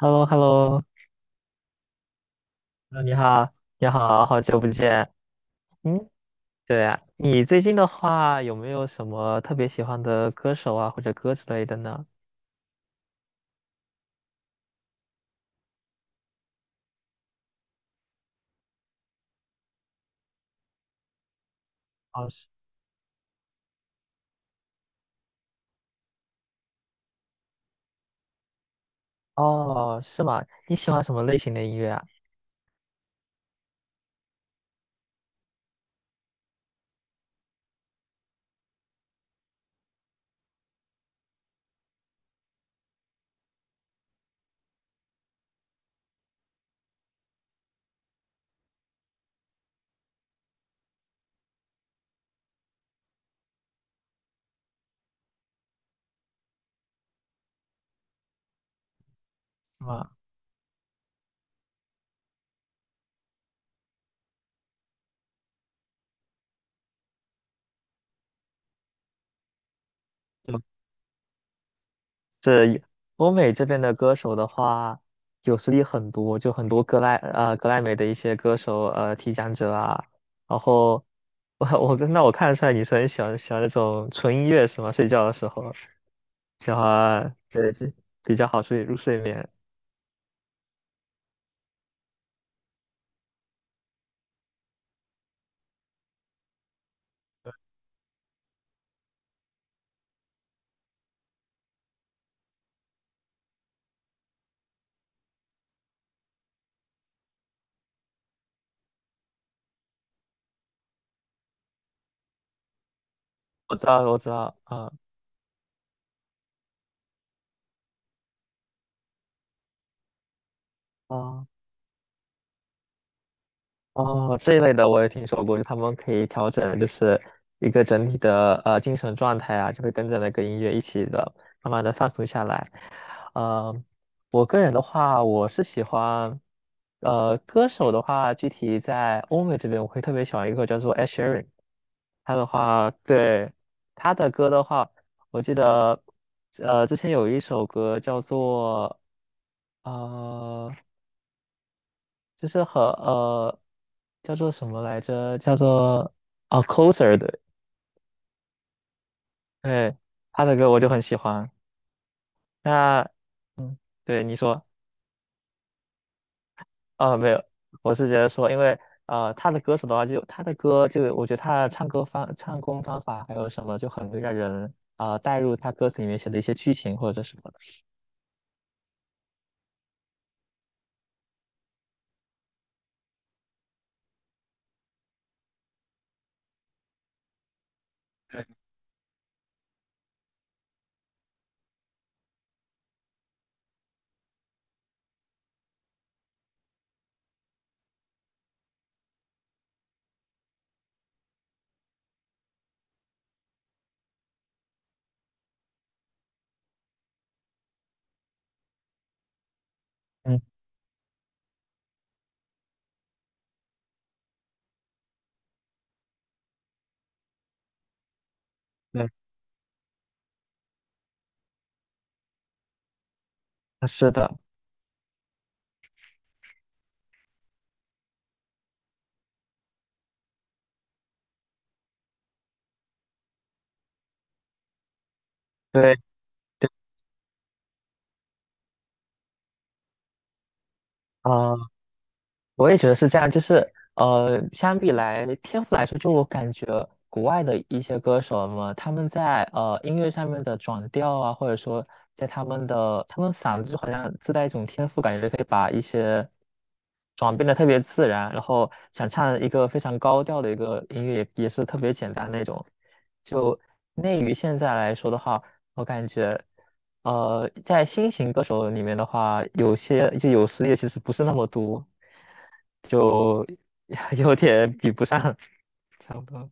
h e l l o h e l l o 你好，你好，好久不见。嗯，对啊，你最近的话有没有什么特别喜欢的歌手啊，或者歌之类的呢？哦，是吗？你喜欢什么类型的音乐啊？是吗？就是欧美这边的歌手的话，有实力很多，就很多格莱美的一些歌手提奖者啊。然后 我那我看得出来你是很喜欢那种纯音乐是吗？睡觉的时候。喜欢，对，是比较好睡入睡眠。我知道，我知道，啊、哦，这一类的我也听说过，就他们可以调整，就是一个整体的精神状态啊，就会跟着那个音乐一起的，慢慢的放松下来。呃，我个人的话，我是喜欢，歌手的话，具体在欧美这边，我会特别喜欢一个叫做 Ed Sheran 他的话，对，他的歌的话。我记得，之前有一首歌叫做呃，就是和呃叫做什么来着？叫做Closer 的，对，他的歌我就很喜欢。那嗯，对你说啊，没有，我是觉得说，因为他的歌手的话就，他的歌就我觉得他的唱歌方唱功方法还有什么就很会让人啊、带入他歌词里面写的一些剧情或者什么的。对嗯，对，是的，对对啊。我也觉得是这样，就是相比来天赋来说，就我感觉国外的一些歌手们，他们在音乐上面的转调啊，或者说在他们嗓子就好像自带一种天赋，感觉可以把一些转变的特别自然，然后想唱一个非常高调的一个音乐也是特别简单那种。就内娱现在来说的话，我感觉。在新型歌手里面的话，有些就有时也其实不是那么多，就 有点比不上，差不多。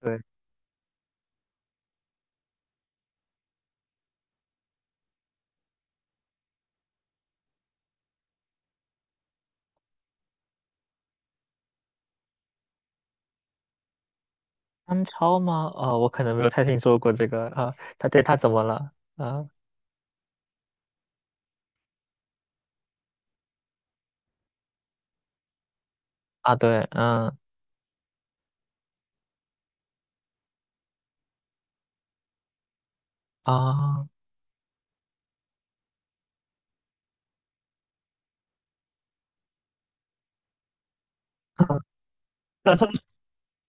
对，安超吗？哦，我可能没有太听说过这个啊。他对他怎么了？啊啊，对，嗯啊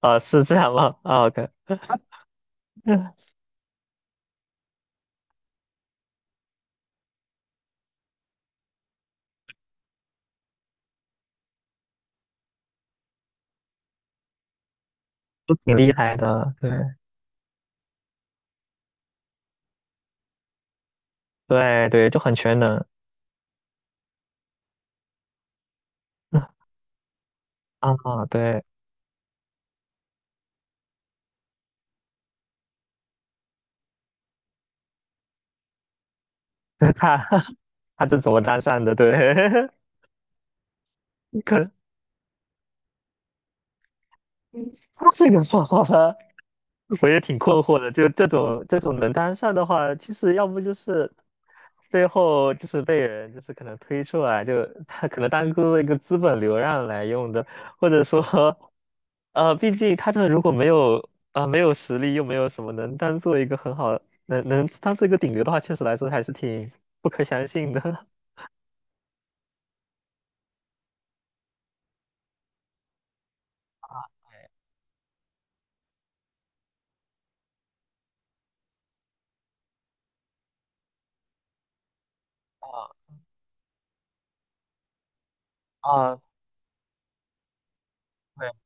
啊，是这样吗？啊对，都挺厉害的，对对对，就很全能。啊，对，他 他是怎么搭讪的？对，可能。他这个方法，我也挺困惑的。就这种能当上的话，其实要不就是最后就是被人就是可能推出来，就他可能当做一个资本流量来用的，或者说，毕竟他这如果没有没有实力，又没有什么能当做一个很好能当做一个顶流的话，确实来说还是挺不可相信的 啊啊，对。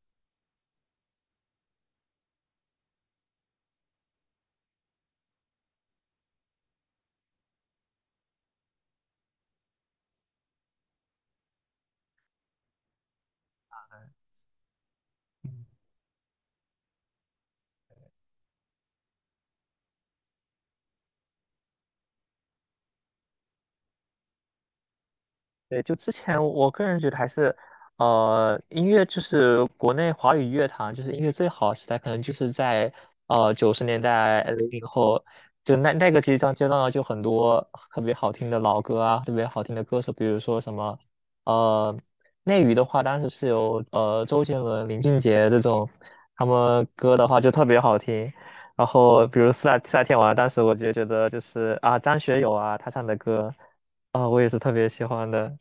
对，就之前我个人觉得还是，音乐就是国内华语乐坛就是音乐最好的时代，可能就是在90年代00后，就那个阶段就很多特别好听的老歌啊，特别好听的歌手，比如说什么，呃，内娱的话，当时是有周杰伦、林俊杰这种，他们歌的话就特别好听。然后比如夏天晚，当时我就觉得就是啊张学友啊他唱的歌。啊，我也是特别喜欢的。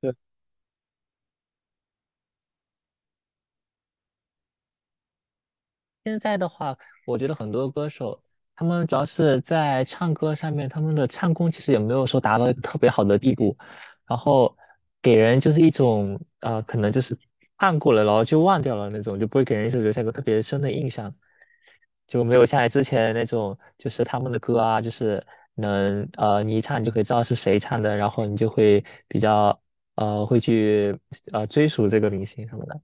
对，现在的话，我觉得很多歌手，他们主要是在唱歌上面，他们的唱功其实也没有说达到一个特别好的地步，然后给人就是一种可能就是看过了，然后就忘掉了那种，就不会给人一直留下一个特别深的印象，就没有像之前那种，就是他们的歌啊，就是能你一唱你就可以知道是谁唱的，然后你就会比较会去追溯这个明星什么的。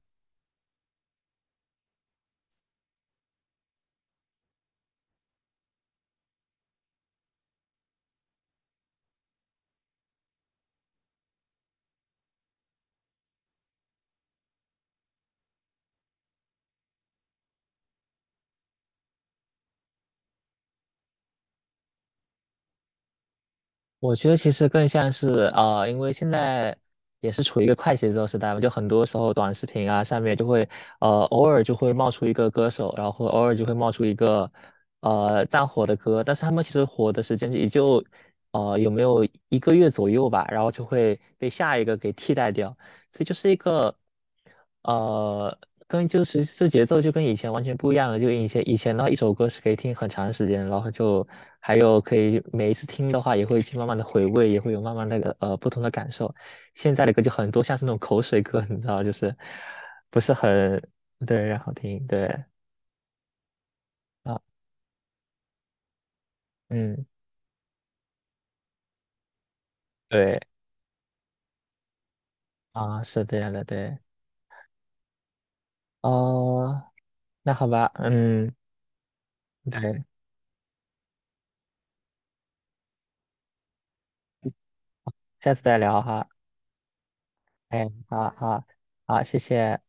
我觉得其实更像是因为现在也是处于一个快节奏时代嘛，就很多时候短视频啊上面就会偶尔就会冒出一个歌手，然后偶尔就会冒出一个战火的歌，但是他们其实火的时间也就有没有1个月左右吧，然后就会被下一个给替代掉。所以就是一个呃，跟就是这节奏就跟以前完全不一样了。就以前的话，一首歌是可以听很长时间，然后就还有可以每一次听的话，也会去慢慢的回味，也会有慢慢那个不同的感受。现在的歌就很多像是那种口水歌，你知道，就是不是很对，然后听对啊，嗯，对啊，是这样的，对哦，那好吧，嗯，对，下次再聊哈，哎，好好好，谢谢。